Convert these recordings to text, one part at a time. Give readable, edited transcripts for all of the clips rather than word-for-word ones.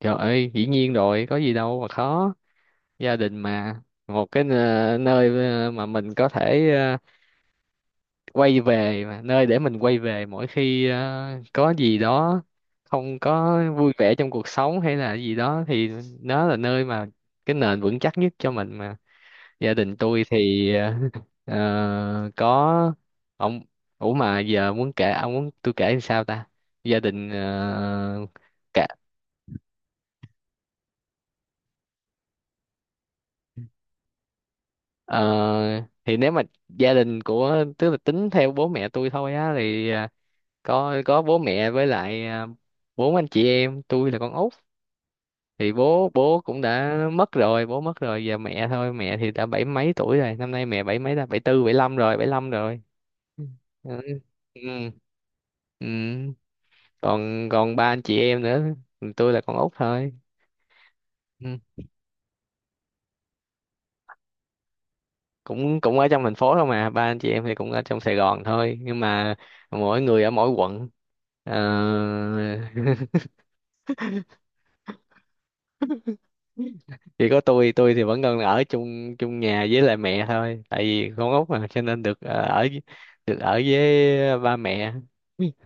Trời ơi, dĩ nhiên rồi, có gì đâu mà khó. Gia đình mà, một cái nơi mà mình có thể quay về mà, nơi để mình quay về mỗi khi có gì đó không có vui vẻ trong cuộc sống hay là gì đó, thì nó là nơi mà cái nền vững chắc nhất cho mình mà. Gia đình tôi thì có ông, ủa mà giờ muốn kể, ông muốn tôi kể làm sao ta? Gia đình cả. Ờ, thì nếu mà gia đình của, tức là tính theo bố mẹ tôi thôi á, thì có bố mẹ với lại bốn anh chị em, tôi là con út. Thì bố bố cũng đã mất rồi, bố mất rồi, giờ mẹ thôi. Mẹ thì đã bảy mấy tuổi rồi, năm nay mẹ bảy mấy, là 74 75 rồi, 75 rồi. Ừ. Ừ. Ừ. còn còn ba anh chị em nữa, tôi là con út thôi. Ừ. cũng cũng ở trong thành phố thôi mà, ba anh chị em thì cũng ở trong Sài Gòn thôi, nhưng mà mỗi người ở mỗi quận. Ờ, chỉ có tôi thì vẫn còn ở chung chung nhà với lại mẹ thôi, tại vì con út mà cho nên được ở, được ở với ba mẹ.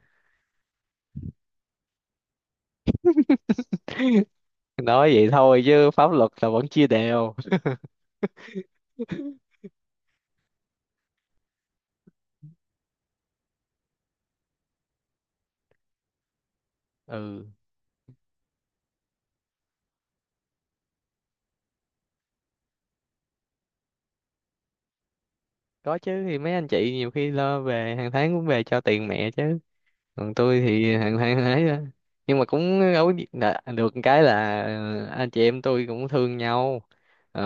Nói vậy thôi chứ pháp luật là vẫn chia đều. Ừ, có chứ, thì mấy anh chị nhiều khi lo, về hàng tháng cũng về cho tiền mẹ chứ, còn tôi thì hàng tháng ấy á. Nhưng mà cũng đâu có được cái là anh chị em tôi cũng thương nhau. Ờ,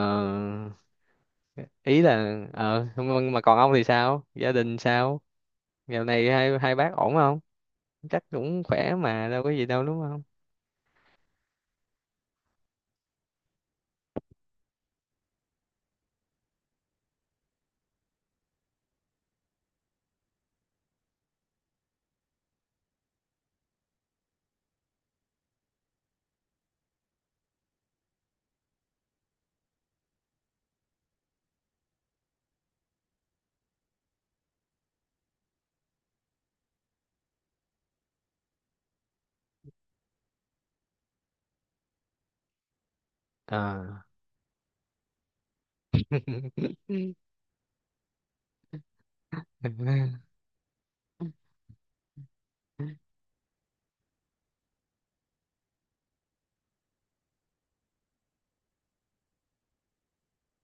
ý là mà còn ông thì sao, gia đình sao, dạo này hai hai bác ổn không, chắc cũng khỏe mà đâu có gì đâu đúng không? Ờ.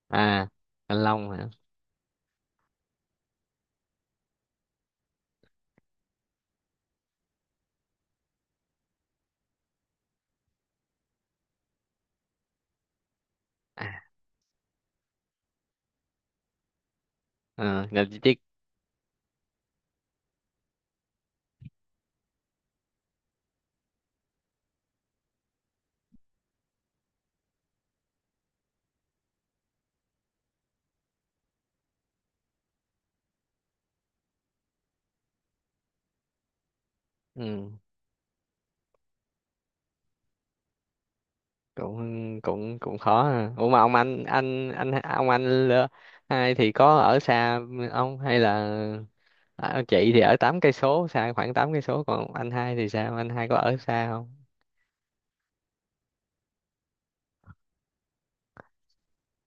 À, anh Long hả? À, ờ, là chị Triết. Ừ, cũng cũng cũng khó ha. Ủa mà ông anh hai thì có ở xa ông hay là chị thì ở 8 cây số, xa khoảng 8 cây số, còn anh hai thì sao, anh hai có ở xa không?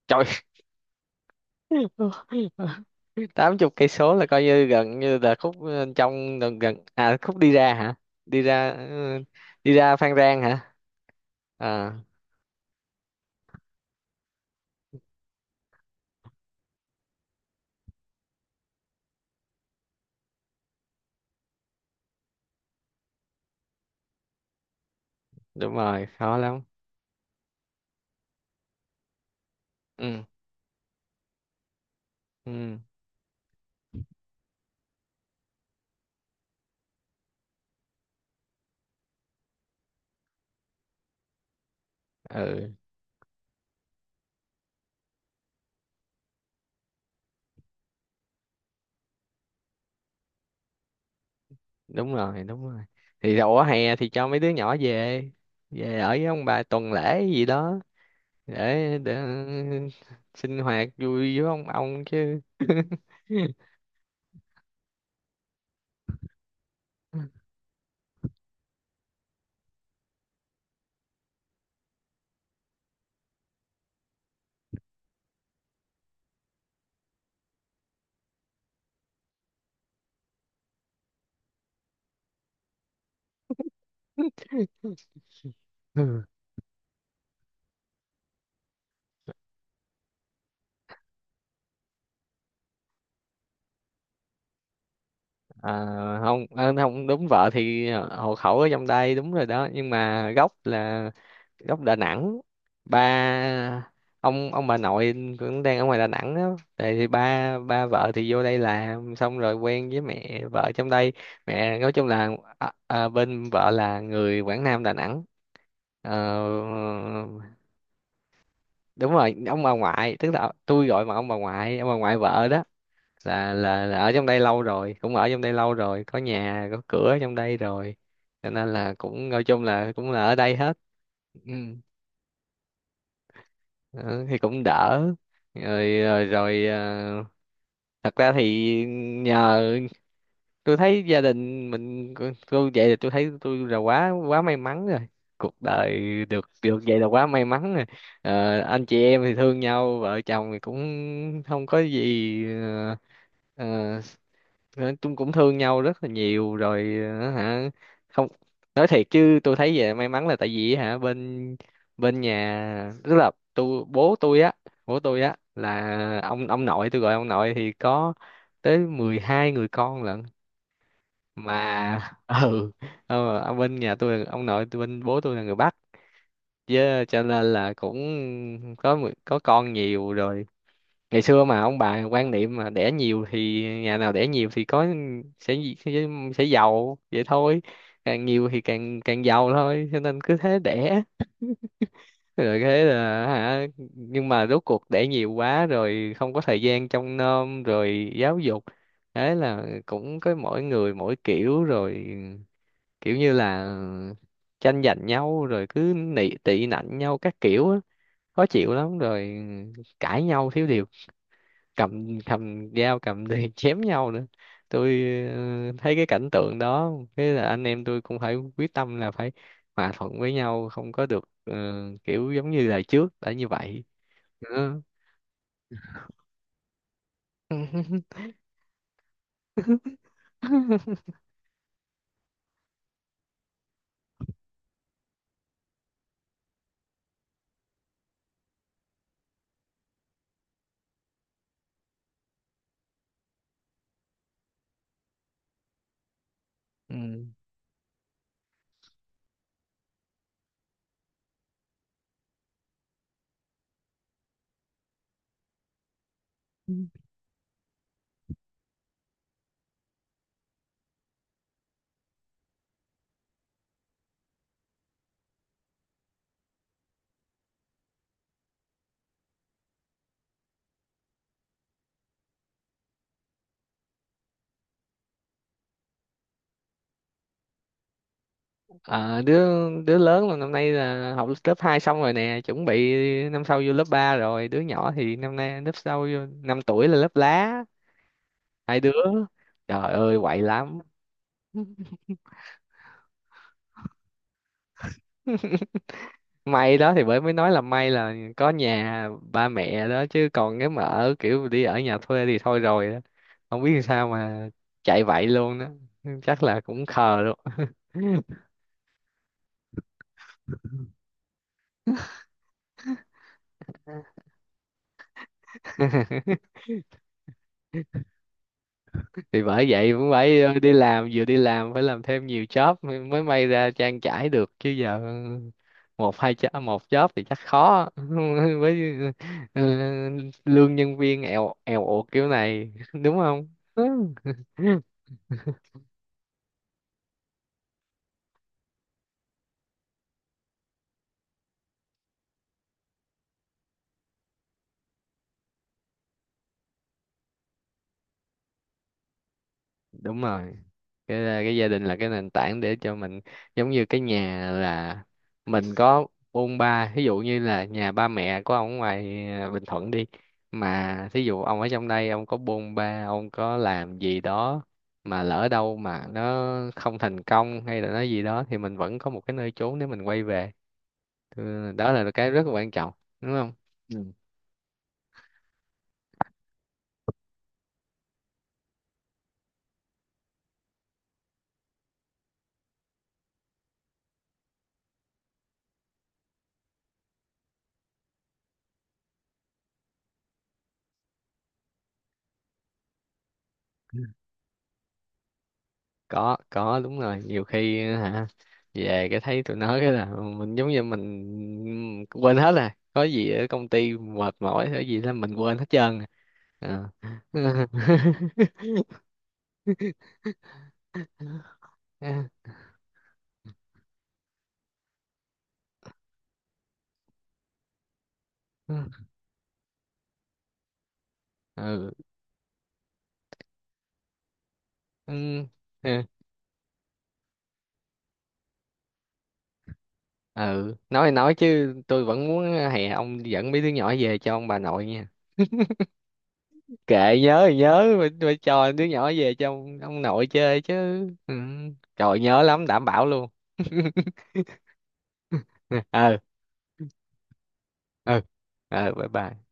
Trời. 80 cây số là coi như gần, như là khúc trong gần, gần, khúc đi ra hả, đi ra. Ừ, đi ra Phan Rang hả? À, đúng rồi, khó lắm. Ừ. Ừ. Ừ. Đúng rồi, đúng rồi, thì đầu hè thì cho mấy đứa nhỏ về, về ở với ông bà tuần lễ gì đó, để sinh hoạt vui với ông chứ. Ừ. À, không đúng, vợ thì hộ khẩu ở trong đây đúng rồi đó, nhưng mà gốc là gốc Đà Nẵng. Ba, ông bà nội cũng đang ở ngoài Đà Nẵng đó, thì ba ba vợ thì vô đây làm, xong rồi quen với mẹ vợ trong đây. Mẹ nói chung là bên vợ là người Quảng Nam Đà Nẵng. Ờ, đúng rồi, ông bà ngoại tức là tôi gọi mà, ông bà ngoại, ông bà ngoại vợ đó, là ở trong đây lâu rồi, cũng ở trong đây lâu rồi, có nhà có cửa ở trong đây rồi, cho nên là cũng nói chung là cũng là ở đây hết. Ừ. Ờ, thì cũng đỡ. Rồi rồi, rồi ờ, thật ra thì, nhờ, tôi thấy gia đình mình, tôi vậy là tôi thấy tôi là quá quá may mắn rồi, cuộc đời được được vậy là quá may mắn rồi. Ờ, anh chị em thì thương nhau, vợ chồng thì cũng không có gì, ờ, chúng cũng thương nhau rất là nhiều rồi, hả, không nói thiệt chứ tôi thấy vậy may mắn là tại vì hả, bên bên nhà tức là tôi, bố tôi á, bố tôi á là ông, nội tôi, gọi ông nội thì có tới 12 người con lận, mà ừ. Ờ, ở bên nhà tôi, ông nội tôi, bên bố tôi là người Bắc, với cho nên là cũng có con nhiều rồi. Ngày xưa mà ông bà quan niệm mà đẻ nhiều, thì nhà nào đẻ nhiều thì có, sẽ sẽ, sẽ giàu vậy thôi, càng nhiều thì càng càng giàu thôi, cho nên cứ thế đẻ, rồi thế là hả, nhưng mà rốt cuộc đẻ nhiều quá rồi không có thời gian trông nom rồi giáo dục, thế là cũng có mỗi người mỗi kiểu rồi, kiểu như là tranh giành nhau rồi cứ nị tị nạnh nhau các kiểu á, khó chịu lắm rồi, cãi nhau thiếu điều cầm cầm dao, cầm thì chém nhau nữa. Tôi thấy cái cảnh tượng đó, thế là anh em tôi cũng phải quyết tâm là phải hòa thuận với nhau, không có được kiểu giống như là trước đã như vậy nữa. Ừ. Ờ, đứa đứa lớn là năm nay là học lớp 2 xong rồi nè, chuẩn bị năm sau vô lớp 3 rồi. Đứa nhỏ thì năm nay lớp sau, vô 5 tuổi là lớp lá, hai đứa. Trời ơi, quậy lắm. May đó, thì bởi mới nói là may là có nhà ba mẹ đó, chứ còn nếu mà ở kiểu đi ở nhà thuê thì thôi rồi đó. Không biết làm sao mà chạy vậy luôn đó, chắc là cũng khờ luôn. Thì bởi vậy cũng phải đi làm, vừa đi làm phải làm thêm nhiều job, mới mới may ra trang trải được chứ, giờ một hai job, một job thì chắc khó. Với, ừ, lương nhân viên eo eo uột kiểu này đúng không? Đúng rồi, cái cái gia đình là cái nền tảng để cho mình, giống như cái nhà là mình có bôn ba, ví dụ như là nhà ba mẹ của ông ở ngoài Bình Thuận đi, mà thí dụ ông ở trong đây, ông có bôn ba, ông có làm gì đó mà lỡ đâu mà nó không thành công hay là nói gì đó, thì mình vẫn có một cái nơi chốn để mình quay về. Ừ, đó là cái rất là quan trọng, đúng không? Ừ. Có đúng rồi, nhiều khi hả, về cái thấy tụi nó cái là mình giống như mình quên hết rồi, có gì ở công ty mệt mỏi hay gì là mình quên hết trơn. À. Ừ. Ừ. Ừ. Ừ, nói thì nói chứ tôi vẫn muốn hè ông dẫn mấy đứa nhỏ về cho ông bà nội nha, kệ, nhớ thì nhớ, phải cho đứa nhỏ về cho ông nội chơi chứ. Ừ. Trời nhớ lắm đảm bảo luôn. Ờ. Ờ. Ờ, bye bye.